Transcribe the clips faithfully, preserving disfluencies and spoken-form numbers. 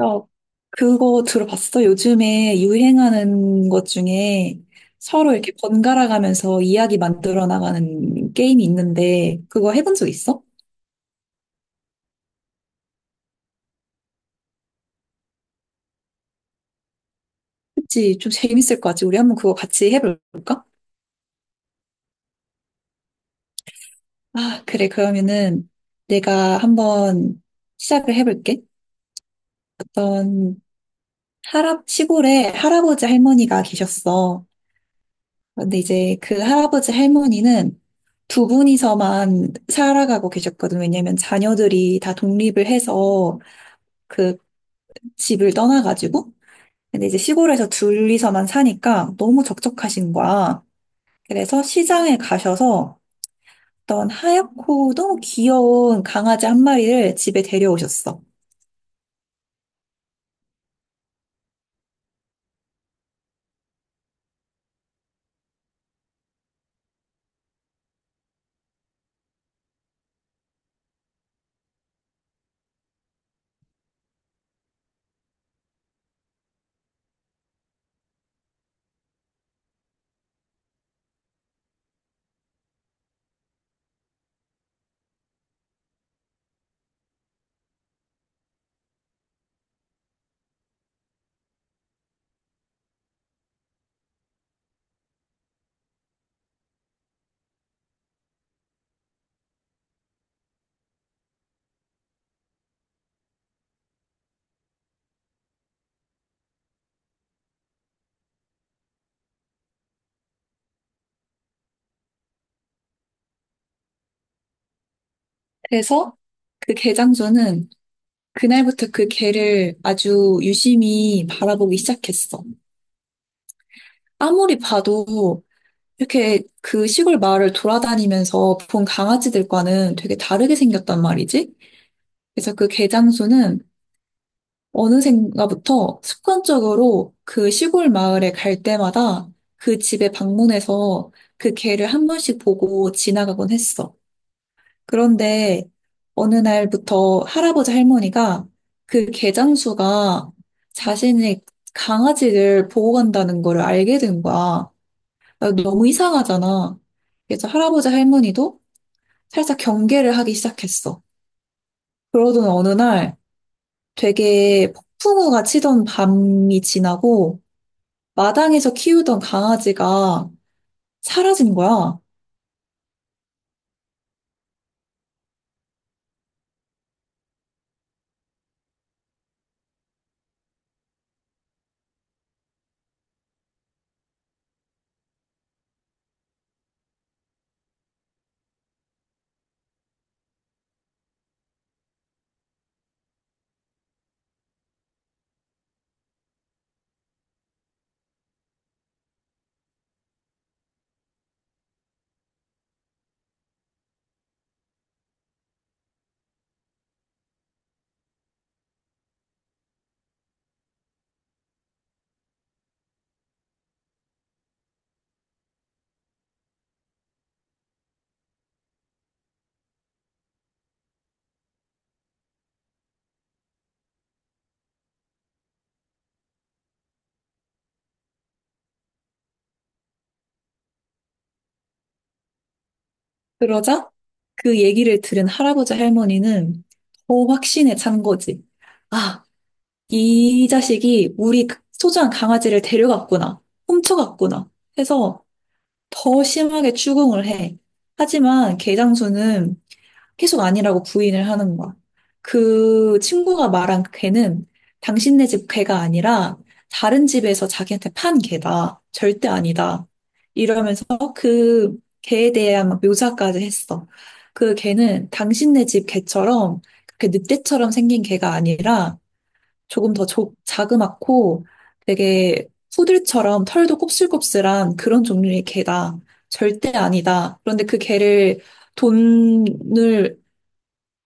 야, 그거 들어봤어? 요즘에 유행하는 것 중에 서로 이렇게 번갈아 가면서 이야기 만들어 나가는 게임이 있는데 그거 해본 적 있어? 그치? 좀 재밌을 것 같지? 우리 한번 그거 같이 해볼까? 아, 그래. 그러면은 내가 한번 시작을 해볼게. 어떤 할아, 시골에 할아버지 할머니가 계셨어. 근데 이제 그 할아버지 할머니는 두 분이서만 살아가고 계셨거든. 왜냐면 자녀들이 다 독립을 해서 그 집을 떠나가지고. 근데 이제 시골에서 둘이서만 사니까 너무 적적하신 거야. 그래서 시장에 가셔서 어떤 하얗고 너무 귀여운 강아지 한 마리를 집에 데려오셨어. 그래서 그 개장수는 그날부터 그 개를 아주 유심히 바라보기 시작했어. 아무리 봐도 이렇게 그 시골 마을을 돌아다니면서 본 강아지들과는 되게 다르게 생겼단 말이지. 그래서 그 개 장수는 어느샌가부터 습관적으로 그 시골 마을에 갈 때마다 그 집에 방문해서 그 개를 한 번씩 보고 지나가곤 했어. 그런데 어느 날부터 할아버지 할머니가 그 개장수가 자신이 강아지를 보고 간다는 거를 알게 된 거야. 아, 너무 이상하잖아. 그래서 할아버지 할머니도 살짝 경계를 하기 시작했어. 그러던 어느 날 되게 폭풍우가 치던 밤이 지나고 마당에서 키우던 강아지가 사라진 거야. 그러자 그 얘기를 들은 할아버지 할머니는 더 확신에 찬 거지. 아, 이 자식이 우리 소중한 강아지를 데려갔구나. 훔쳐갔구나. 해서 더 심하게 추궁을 해. 하지만 개장수는 계속 아니라고 부인을 하는 거야. 그 친구가 말한 그 개는 당신네 집 개가 아니라 다른 집에서 자기한테 판 개다. 절대 아니다. 이러면서 그 개에 대한 막 묘사까지 했어. 그 개는 당신네 집 개처럼 그렇게 늑대처럼 생긴 개가 아니라 조금 더 조, 자그맣고 되게 푸들처럼 털도 곱슬곱슬한 그런 종류의 개다. 절대 아니다. 그런데 그 개를 돈을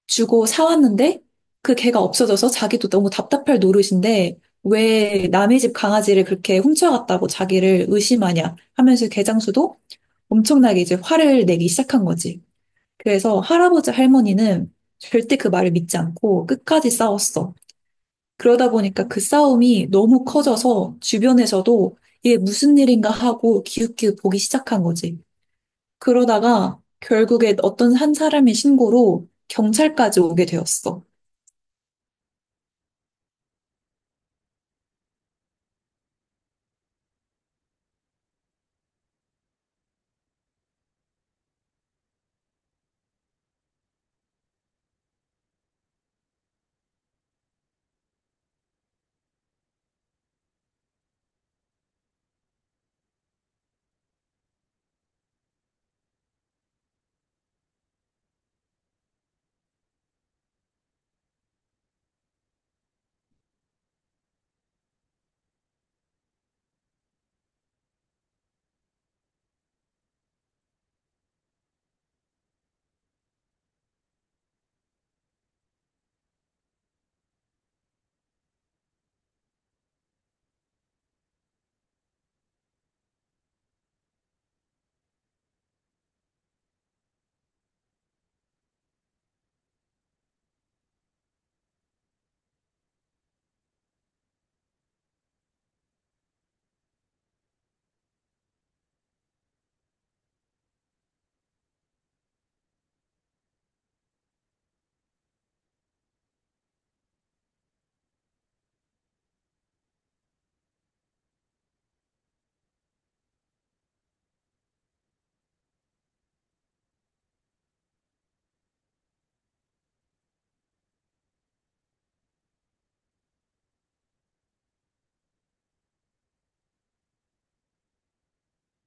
주고 사왔는데 그 개가 없어져서 자기도 너무 답답할 노릇인데 왜 남의 집 강아지를 그렇게 훔쳐갔다고 자기를 의심하냐 하면서 개장수도 엄청나게 이제 화를 내기 시작한 거지. 그래서 할아버지 할머니는 절대 그 말을 믿지 않고 끝까지 싸웠어. 그러다 보니까 그 싸움이 너무 커져서 주변에서도 이게 무슨 일인가 하고 기웃기웃 보기 시작한 거지. 그러다가 결국에 어떤 한 사람의 신고로 경찰까지 오게 되었어.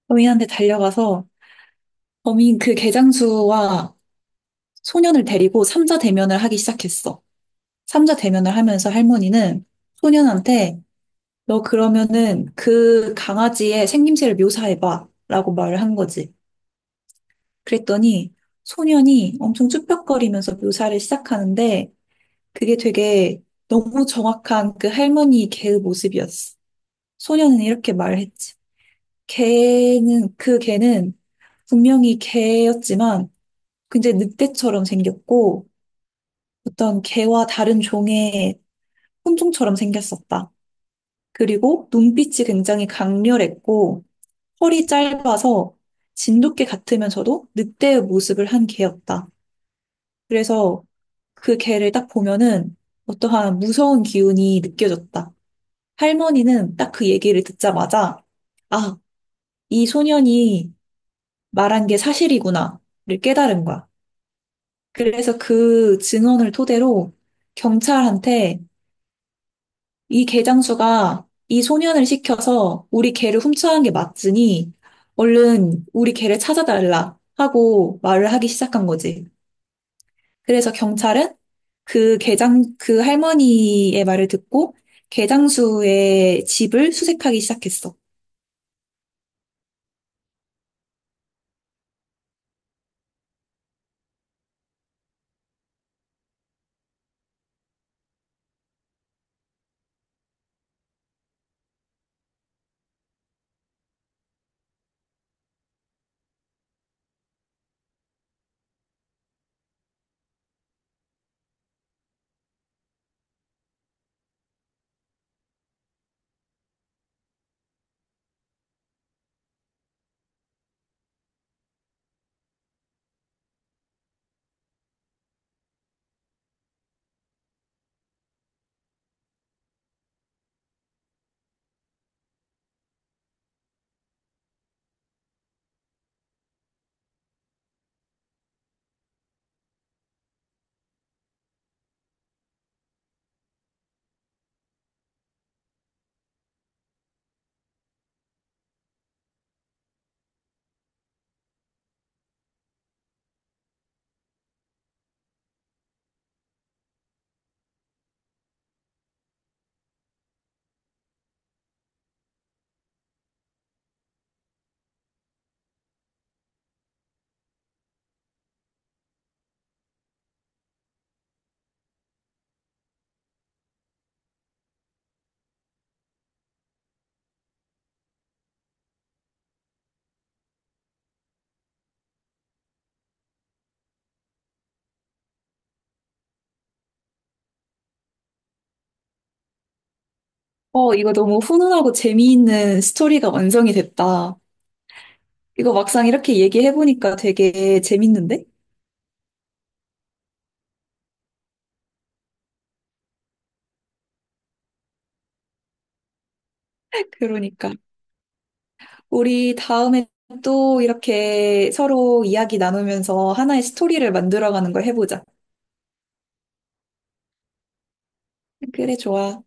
범인한테 달려가서 범인 그 개장수와 소년을 데리고 삼자 대면을 하기 시작했어. 삼자 대면을 하면서 할머니는 소년한테 너 그러면은 그 강아지의 생김새를 묘사해봐 라고 말을 한 거지. 그랬더니 소년이 엄청 쭈뼛거리면서 묘사를 시작하는데 그게 되게 너무 정확한 그 할머니 개의 모습이었어. 소년은 이렇게 말했지. 개는, 그 개는 분명히 개였지만 굉장히 늑대처럼 생겼고 어떤 개와 다른 종의 혼종처럼 생겼었다. 그리고 눈빛이 굉장히 강렬했고 허리 짧아서 진돗개 같으면서도 늑대의 모습을 한 개였다. 그래서 그 개를 딱 보면은 어떠한 무서운 기운이 느껴졌다. 할머니는 딱 그 얘기를 듣자마자 아, 이 소년이 말한 게 사실이구나를 깨달은 거야. 그래서 그 증언을 토대로 경찰한테 이 개장수가 이 소년을 시켜서 우리 개를 훔쳐간 게 맞으니 얼른 우리 개를 찾아달라 하고 말을 하기 시작한 거지. 그래서 경찰은 그 개장 그 할머니의 말을 듣고 개장수의 집을 수색하기 시작했어. 어, 이거 너무 훈훈하고 재미있는 스토리가 완성이 됐다. 이거 막상 이렇게 얘기해보니까 되게 재밌는데? 그러니까. 우리 다음에 또 이렇게 서로 이야기 나누면서 하나의 스토리를 만들어가는 걸 해보자. 그래, 좋아.